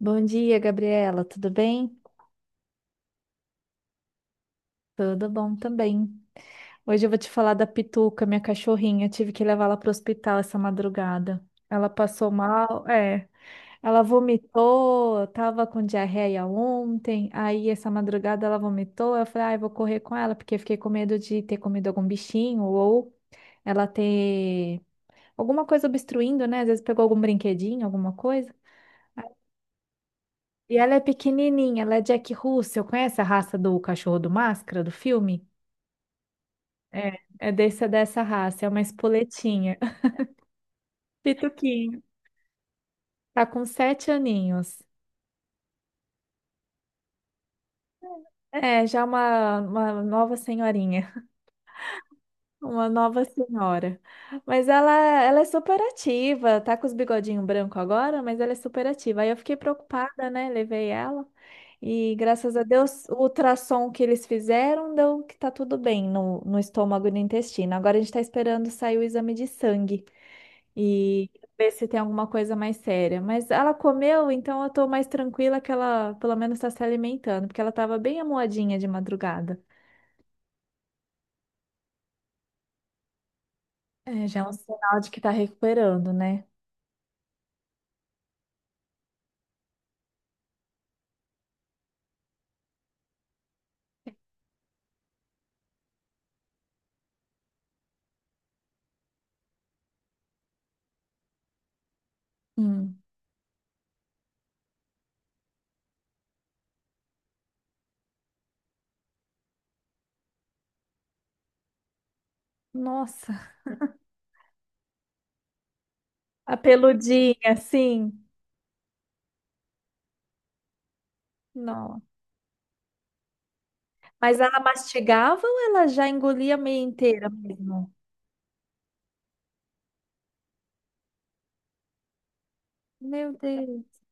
Bom dia, Gabriela. Tudo bem? Tudo bom também. Hoje eu vou te falar da Pituca, minha cachorrinha. Eu tive que levá-la para o hospital essa madrugada. Ela passou mal, é. Ela vomitou, tava com diarreia ontem. Aí essa madrugada ela vomitou. Eu falei, ah, eu vou correr com ela, porque eu fiquei com medo de ter comido algum bichinho ou ela ter alguma coisa obstruindo, né? Às vezes pegou algum brinquedinho, alguma coisa. E ela é pequenininha, ela é Jack Russell. Conhece a raça do cachorro do Máscara, do filme? É, é desse, é dessa raça, é uma espoletinha. Pituquinho. Tá com 7 aninhos. É, já uma nova senhorinha. Uma nova senhora. Mas ela é super ativa, tá com os bigodinhos branco agora, mas ela é super ativa. Aí eu fiquei preocupada, né? Levei ela. E graças a Deus, o ultrassom que eles fizeram deu que tá tudo bem no estômago e no intestino. Agora a gente tá esperando sair o exame de sangue e ver se tem alguma coisa mais séria. Mas ela comeu, então eu tô mais tranquila que ela pelo menos tá se alimentando, porque ela tava bem amuadinha de madrugada. É, já é um sinal de que tá recuperando, né? Hum. Nossa, a peludinha, assim. Não. Mas ela mastigava ou ela já engolia meio inteira mesmo? Meu Deus.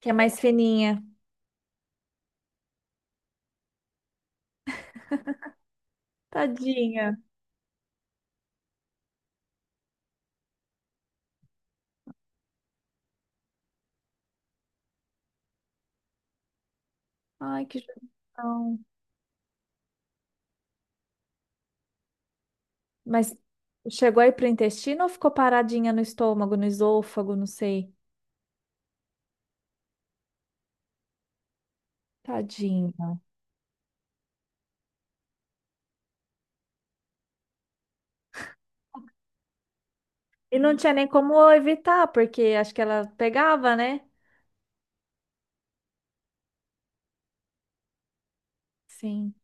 Que é mais fininha. Tadinha. Ai, que judiação. Mas chegou aí pro intestino ou ficou paradinha no estômago, no esôfago, não sei. Tadinha. E não tinha nem como evitar, porque acho que ela pegava, né? Sim.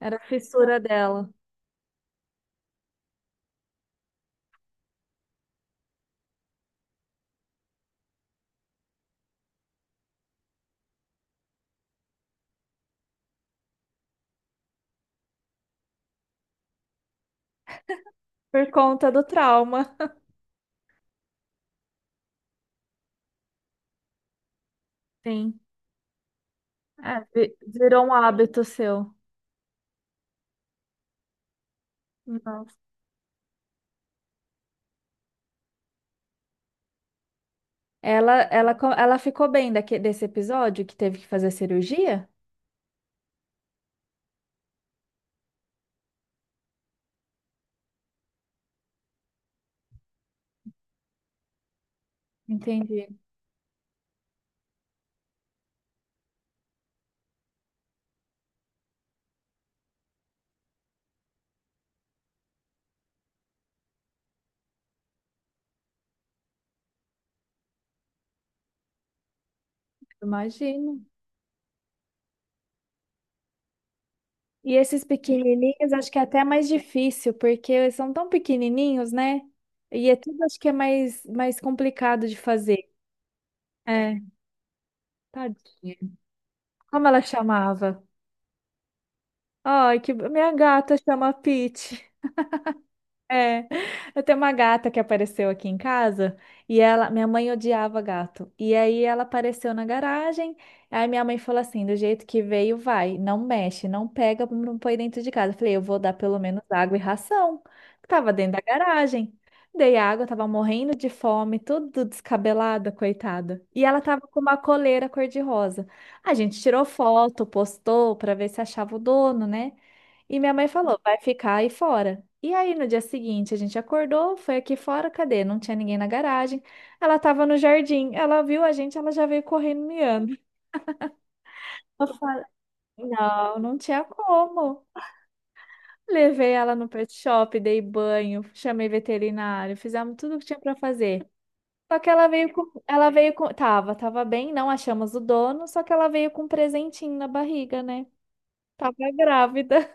Era a fissura dela. Por conta do trauma. Sim. É, virou um hábito seu. Nossa. Ela ficou bem daque desse episódio que teve que fazer cirurgia? Entendi, imagino. E esses pequenininhos acho que é até mais difícil, porque eles são tão pequenininhos, né? E é tudo acho que é mais, mais complicado de fazer. É, tadinha. Como ela chamava? Ai, que minha gata chama Pete. É, eu tenho uma gata que apareceu aqui em casa e ela, minha mãe odiava gato. E aí ela apareceu na garagem. Aí minha mãe falou assim: do jeito que veio, vai, não mexe, não pega, não põe dentro de casa. Eu falei: eu vou dar pelo menos água e ração. Tava dentro da garagem. Dei água, tava morrendo de fome, tudo descabelada, coitada. E ela tava com uma coleira cor-de-rosa. A gente tirou foto, postou pra ver se achava o dono, né? E minha mãe falou, vai ficar aí fora. E aí, no dia seguinte, a gente acordou, foi aqui fora, cadê? Não tinha ninguém na garagem. Ela tava no jardim, ela viu a gente, ela já veio correndo miando. Eu falei, não, não tinha como. Levei ela no pet shop, dei banho, chamei veterinário, fizemos tudo o que tinha pra fazer. Só que ela veio com, tava, tava bem, não achamos o dono, só que ela veio com um presentinho na barriga, né? Tava grávida.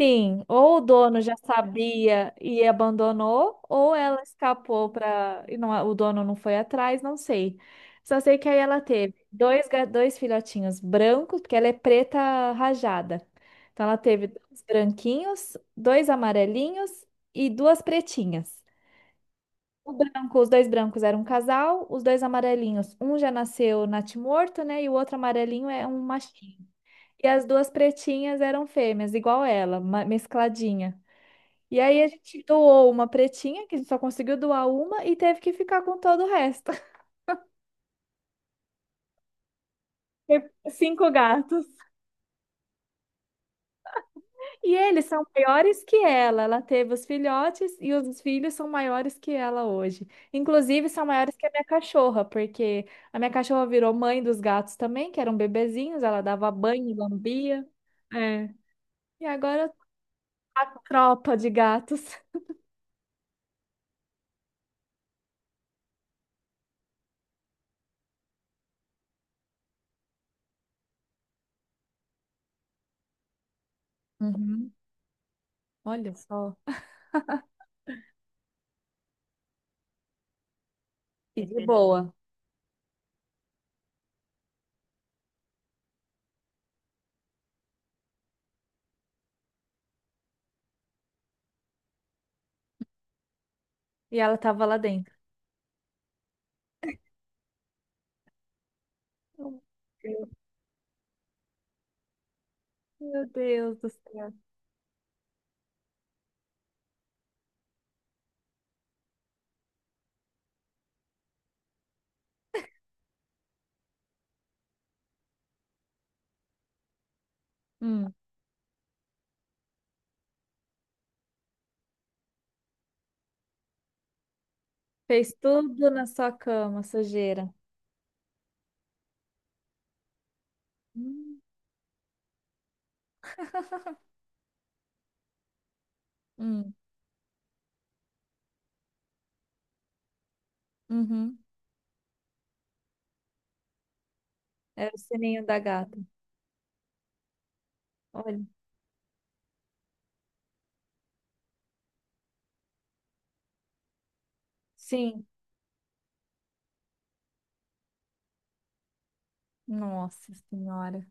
Sim, ou o dono já sabia e abandonou, ou ela escapou para e não, o dono não foi atrás, não sei. Só sei que aí ela teve dois, dois filhotinhos brancos, porque ela é preta rajada. Então ela teve dois branquinhos, dois amarelinhos e duas pretinhas. O branco, os dois brancos eram um casal, os dois amarelinhos, um já nasceu natimorto, né? E o outro amarelinho é um machinho. E as duas pretinhas eram fêmeas, igual ela, mescladinha. E aí a gente doou uma pretinha, que a gente só conseguiu doar uma, e teve que ficar com todo o resto. Teve cinco gatos. E eles são maiores que ela. Ela teve os filhotes e os filhos são maiores que ela hoje. Inclusive, são maiores que a minha cachorra, porque a minha cachorra virou mãe dos gatos também, que eram bebezinhos, ela dava banho, lambia. É. E agora a tropa de gatos. Uhum. Olha só. E de boa. E ela tava lá dentro. Meu Deus do céu. Hum. Fez tudo na sua cama, sujeira. Hum. Hum. Uhum. Era o sininho da gata. Olha. Sim. Nossa Senhora.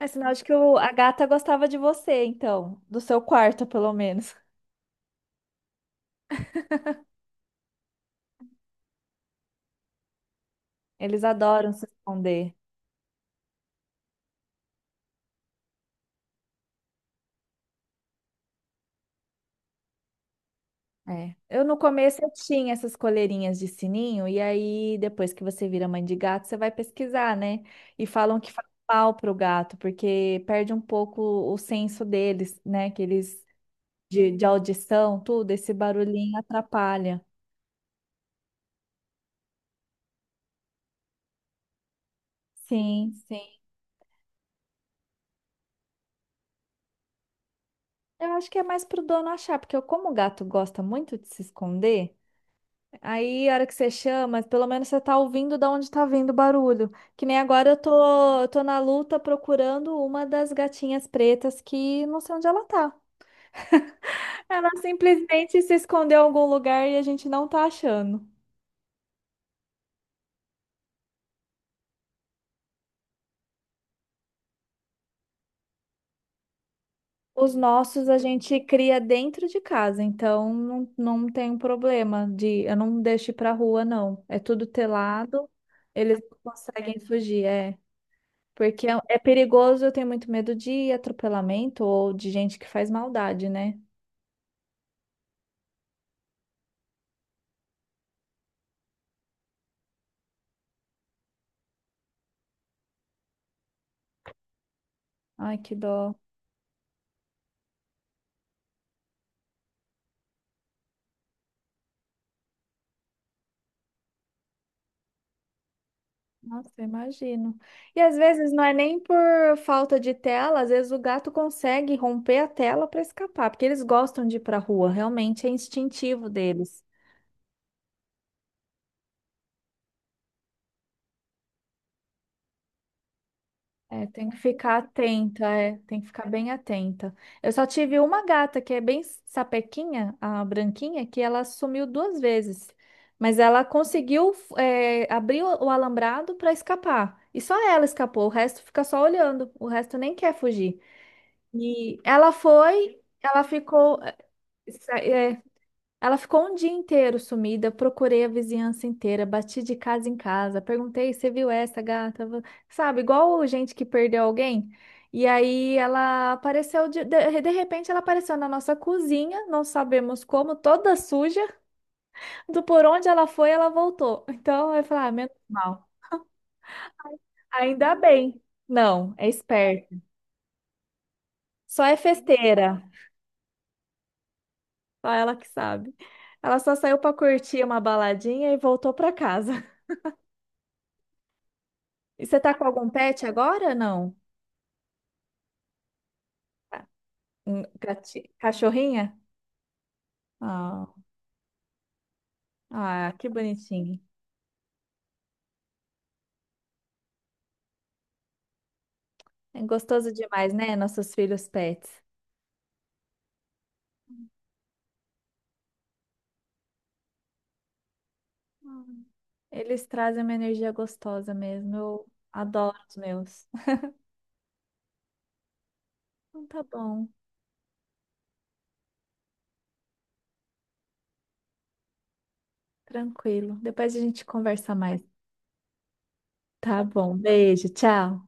É sinal de que a gata gostava de você, então. Do seu quarto, pelo menos. Eles adoram se esconder. É. Eu no começo eu tinha essas coleirinhas de sininho, e aí depois que você vira mãe de gato, você vai pesquisar, né? E falam que faz mal pro gato, porque perde um pouco o senso deles, né? Que eles de audição, tudo, esse barulhinho atrapalha. Sim, sim. Eu acho que é mais pro dono achar, porque como o gato gosta muito de se esconder, aí a hora que você chama, pelo menos você tá ouvindo da onde tá vindo o barulho. Que nem agora eu tô na luta procurando uma das gatinhas pretas que não sei onde ela tá. Ela simplesmente se escondeu em algum lugar e a gente não tá achando. Os nossos a gente cria dentro de casa, então não, não tem um problema de eu não deixo ir pra rua, não. É tudo telado, eles não conseguem fugir, é. Porque é, é perigoso, eu tenho muito medo de atropelamento ou de gente que faz maldade, né? Ai, que dó. Nossa, eu imagino. E às vezes não é nem por falta de tela, às vezes o gato consegue romper a tela para escapar, porque eles gostam de ir pra rua, realmente é instintivo deles. É, tem que ficar atenta, é, tem que ficar bem atenta. Eu só tive uma gata que é bem sapequinha, a branquinha, que ela sumiu duas vezes, mas ela conseguiu é, abrir o alambrado para escapar. E só ela escapou, o resto fica só olhando, o resto nem quer fugir. E ela foi, ela ficou, é, ela ficou um dia inteiro sumida, procurei a vizinhança inteira, bati de casa em casa, perguntei, você viu essa gata? Sabe, igual gente que perdeu alguém. E aí ela apareceu, de repente ela apareceu na nossa cozinha, não sabemos como, toda suja, do por onde ela foi, ela voltou. Então eu falei, ah, menos mal. Ainda bem. Não, é esperta. Só é festeira, só ela que sabe. Ela só saiu para curtir uma baladinha e voltou para casa. E você tá com algum pet agora, não? Cachorrinha? Ah, ah, que bonitinho. É gostoso demais, né? Nossos filhos pets. Hum. Eles trazem uma energia gostosa mesmo. Eu adoro os meus. Então tá bom, tranquilo. Depois a gente conversa mais. Tá bom, beijo, tchau.